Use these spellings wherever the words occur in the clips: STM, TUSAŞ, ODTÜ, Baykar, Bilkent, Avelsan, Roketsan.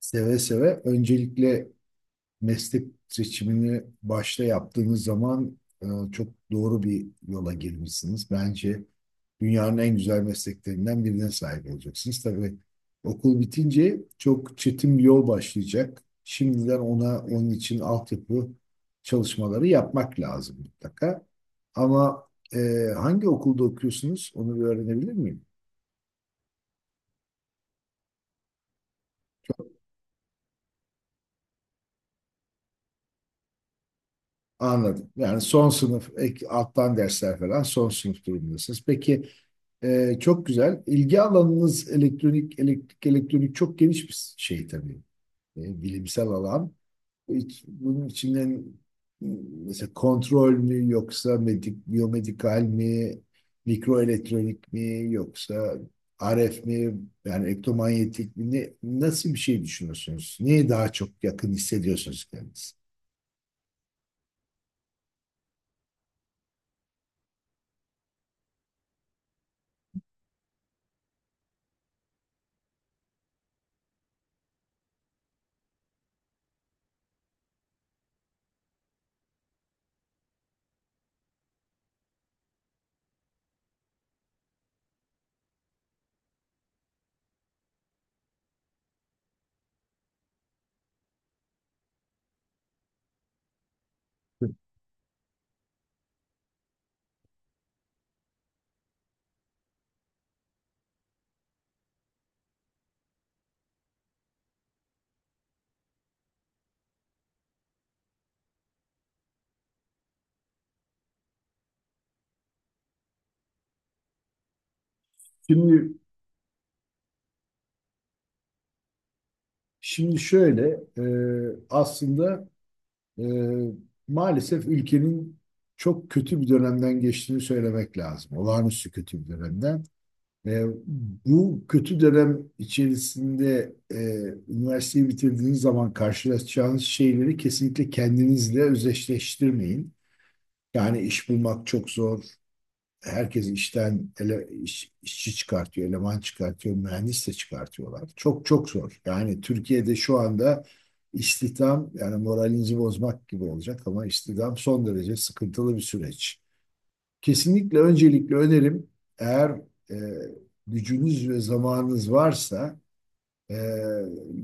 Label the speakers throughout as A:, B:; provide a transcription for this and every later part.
A: Seve seve. Öncelikle meslek seçimini başta yaptığınız zaman çok doğru bir yola girmişsiniz. Bence dünyanın en güzel mesleklerinden birine sahip olacaksınız. Tabii okul bitince çok çetin bir yol başlayacak. Şimdiden onun için altyapı çalışmaları yapmak lazım mutlaka. Ama e, hangi okulda okuyorsunuz onu bir öğrenebilir miyim? Anladım. Yani son sınıf, alttan dersler falan son sınıf durumundasınız. Peki. Çok güzel. İlgi alanınız elektronik, elektrik, elektronik çok geniş bir şey tabii. Bilimsel alan. Bunun içinden mesela kontrol mü yoksa medik, biyomedikal mi, mikroelektronik mi yoksa RF mi yani elektromanyetik mi, ne, nasıl bir şey düşünüyorsunuz? Neye daha çok yakın hissediyorsunuz kendinizi? Şimdi şimdi şöyle, e, aslında, e, maalesef ülkenin çok kötü bir dönemden geçtiğini söylemek lazım. Olağanüstü kötü bir dönemden. E, Bu kötü dönem içerisinde üniversiteyi bitirdiğiniz zaman karşılaşacağınız şeyleri kesinlikle kendinizle özdeşleştirmeyin. Yani iş bulmak çok zor, herkes işten işçi çıkartıyor, eleman çıkartıyor, mühendis de çıkartıyorlar. Çok çok zor. Yani Türkiye'de şu anda istihdam, yani moralinizi bozmak gibi olacak ama istihdam son derece sıkıntılı bir süreç. Kesinlikle öncelikle önerim, eğer e, gücünüz ve zamanınız varsa e,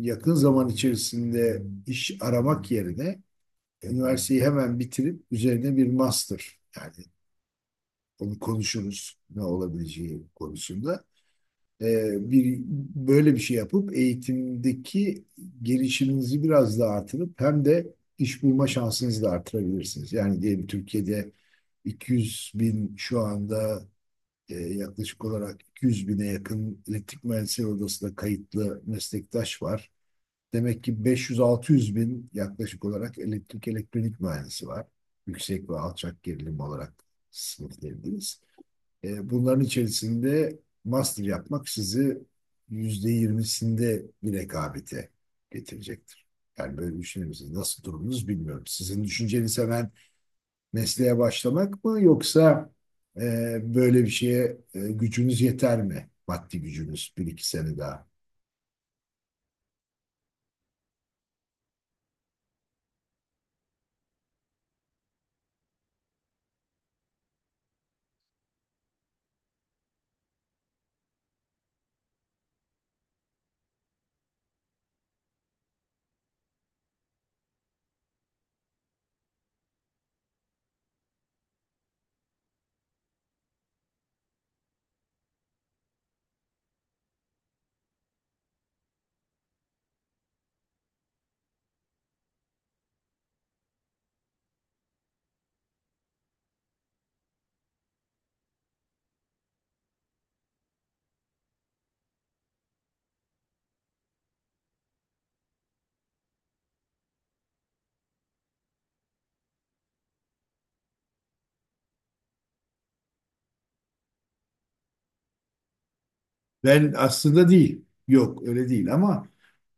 A: yakın zaman içerisinde iş aramak yerine üniversiteyi hemen bitirip üzerine bir master, yani onu konuşuruz ne olabileceği konusunda. Bir böyle bir şey yapıp eğitimdeki gelişiminizi biraz daha artırıp hem de iş bulma şansınızı da artırabilirsiniz. Yani diyelim Türkiye'de 200 bin şu anda, yaklaşık olarak 200 bine yakın elektrik mühendisleri odasında kayıtlı meslektaş var. Demek ki 500-600 bin yaklaşık olarak elektrik elektronik mühendisi var. Yüksek ve alçak gerilim olarak sınıflayabiliriz. Bunların içerisinde master yapmak sizi %20'sinde bir rekabete getirecektir. Yani böyle düşünür müsünüz? Nasıl durumunuz bilmiyorum. Sizin düşünceniz hemen mesleğe başlamak mı yoksa böyle bir şeye gücünüz yeter mi? Maddi gücünüz, bir iki sene daha. Ben aslında değil. Yok öyle değil ama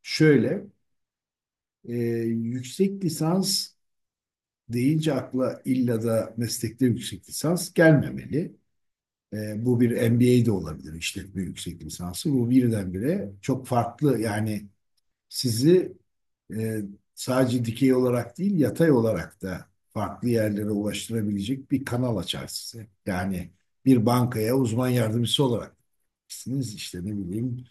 A: şöyle, e, yüksek lisans deyince akla illa da meslekte yüksek lisans gelmemeli. Bu bir MBA de olabilir, işletme yüksek lisansı. Bu birdenbire çok farklı, yani sizi e, sadece dikey olarak değil yatay olarak da farklı yerlere ulaştırabilecek bir kanal açar size. Yani bir bankaya uzman yardımcısı olarak girebilirsiniz. İşte ne bileyim,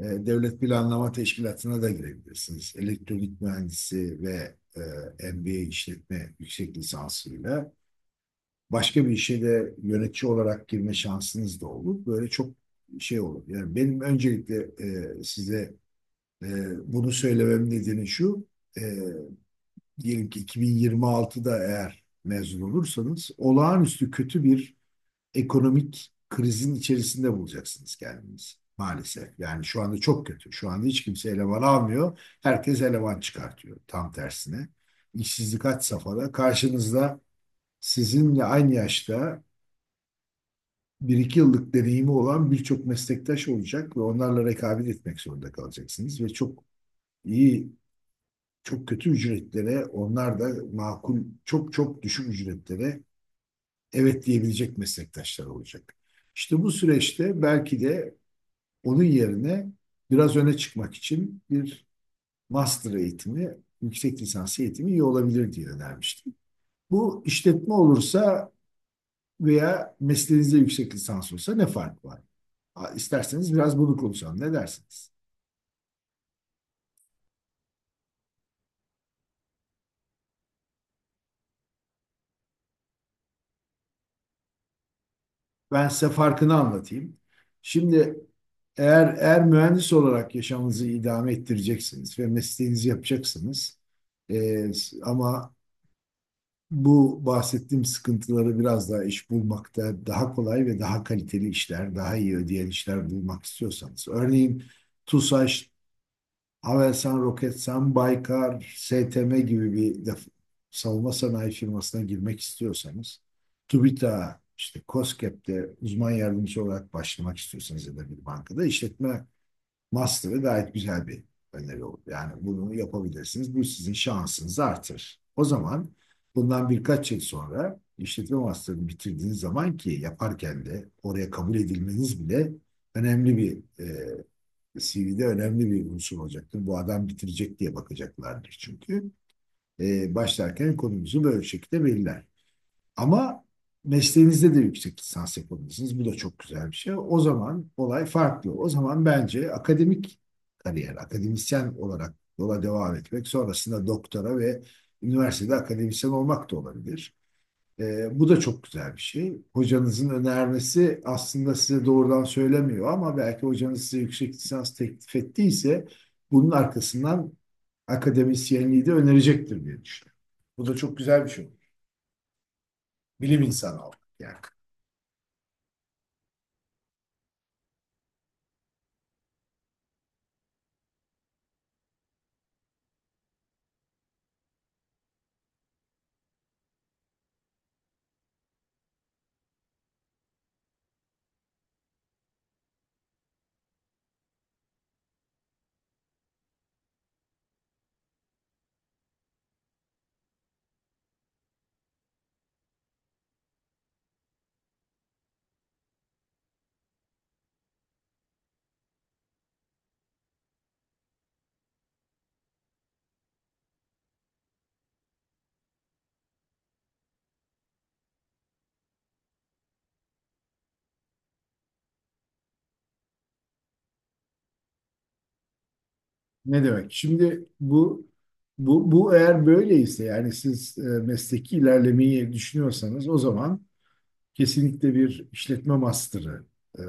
A: Devlet Planlama Teşkilatı'na da girebilirsiniz. Elektronik mühendisi ve MBA, işletme yüksek lisansıyla başka bir işe de yönetici olarak girme şansınız da olur. Böyle çok şey olur. Yani benim öncelikle size e, bunu söylemem nedeni şu. E, Diyelim ki 2026'da eğer mezun olursanız olağanüstü kötü bir ekonomik krizin içerisinde bulacaksınız kendinizi. Maalesef. Yani şu anda çok kötü. Şu anda hiç kimse eleman almıyor. Herkes eleman çıkartıyor. Tam tersine. İşsizlik had safhada. Karşınızda sizinle aynı yaşta, bir iki yıllık deneyimi olan birçok meslektaş olacak ve onlarla rekabet etmek zorunda kalacaksınız ve çok iyi, çok kötü ücretlere, onlar da makul, çok çok düşük ücretlere evet diyebilecek meslektaşlar olacak. İşte bu süreçte belki de onun yerine biraz öne çıkmak için bir master eğitimi, yüksek lisans eğitimi iyi olabilir diye önermiştim. Bu işletme olursa veya mesleğinizde yüksek lisans olsa ne fark var? İsterseniz biraz bunu konuşalım. Ne dersiniz? Ben size farkını anlatayım. Şimdi, eğer mühendis olarak yaşamınızı idame ettireceksiniz ve mesleğinizi yapacaksınız. Ee, Ama bu bahsettiğim sıkıntıları, biraz daha iş bulmakta daha kolay ve daha kaliteli işler, daha iyi ödeyen işler bulmak istiyorsanız, örneğin TUSAŞ, Avelsan, Roketsan, Baykar, STM gibi bir savunma sanayi firmasına girmek istiyorsanız, TÜBİTAK'a, işte KOSGEB'de uzman yardımcı olarak başlamak istiyorsanız ya da bir bankada, işletme master'ı gayet güzel bir öneri olur. Yani bunu yapabilirsiniz. Bu sizin şansınızı artırır. O zaman bundan birkaç yıl sonra işletme master'ını bitirdiğiniz zaman, ki yaparken de oraya kabul edilmeniz bile önemli bir, CV'de önemli bir unsur olacaktır. Bu adam bitirecek diye bakacaklardır çünkü. Başlarken konumuzu böyle şekilde belirler. Ama mesleğinizde de yüksek lisans yapabilirsiniz. Bu da çok güzel bir şey. O zaman olay farklı. O zaman bence akademik kariyer, akademisyen olarak yola devam etmek, sonrasında doktora ve üniversitede akademisyen olmak da olabilir. Bu da çok güzel bir şey. Hocanızın önermesi aslında size doğrudan söylemiyor ama belki hocanız size yüksek lisans teklif ettiyse, bunun arkasından akademisyenliği de önerecektir diye düşünüyorum. Bu da çok güzel bir şey olur. Bilim insanı olmak yani. Ne demek? Şimdi bu eğer böyleyse, yani siz mesleki ilerlemeyi düşünüyorsanız, o zaman kesinlikle bir işletme master'ı e,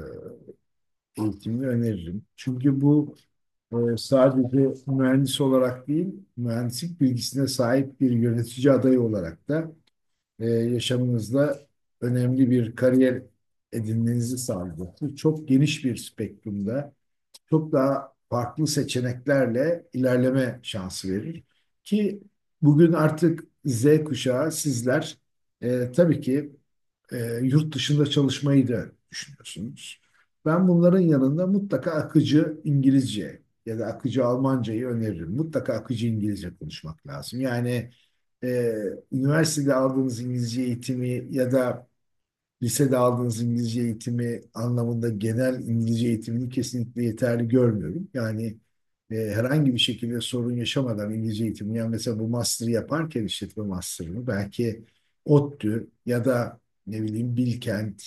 A: eğitimini öneririm. Çünkü bu sadece mühendis olarak değil, mühendislik bilgisine sahip bir yönetici adayı olarak da yaşamınızda önemli bir kariyer edinmenizi sağlayacaktır. Çok geniş bir spektrumda çok daha farklı seçeneklerle ilerleme şansı verir. Ki bugün artık Z kuşağı sizler tabii ki yurt dışında çalışmayı da düşünüyorsunuz. Ben bunların yanında mutlaka akıcı İngilizce ya da akıcı Almancayı öneririm. Mutlaka akıcı İngilizce konuşmak lazım. Yani e, üniversitede aldığınız İngilizce eğitimi ya da lisede aldığınız İngilizce eğitimi anlamında, genel İngilizce eğitimini kesinlikle yeterli görmüyorum. Yani herhangi bir şekilde sorun yaşamadan İngilizce eğitimini, yani mesela bu master'ı yaparken, işletme master'ını belki ODTÜ ya da ne bileyim Bilkent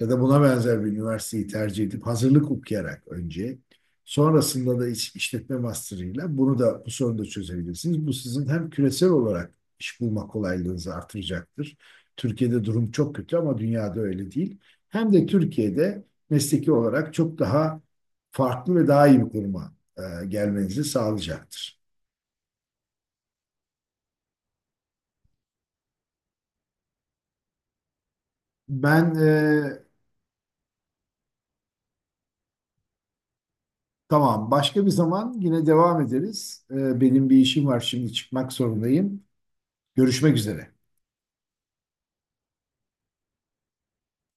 A: ya da buna benzer bir üniversiteyi tercih edip hazırlık okuyarak önce, sonrasında da işletme master'ıyla bunu da, bu sorunu da çözebilirsiniz. Bu sizin hem küresel olarak iş bulma kolaylığınızı artıracaktır. Türkiye'de durum çok kötü ama dünyada öyle değil. Hem de Türkiye'de mesleki olarak çok daha farklı ve daha iyi bir konuma gelmenizi sağlayacaktır. Ben e, tamam, başka bir zaman yine devam ederiz. Benim bir işim var, şimdi çıkmak zorundayım. Görüşmek üzere.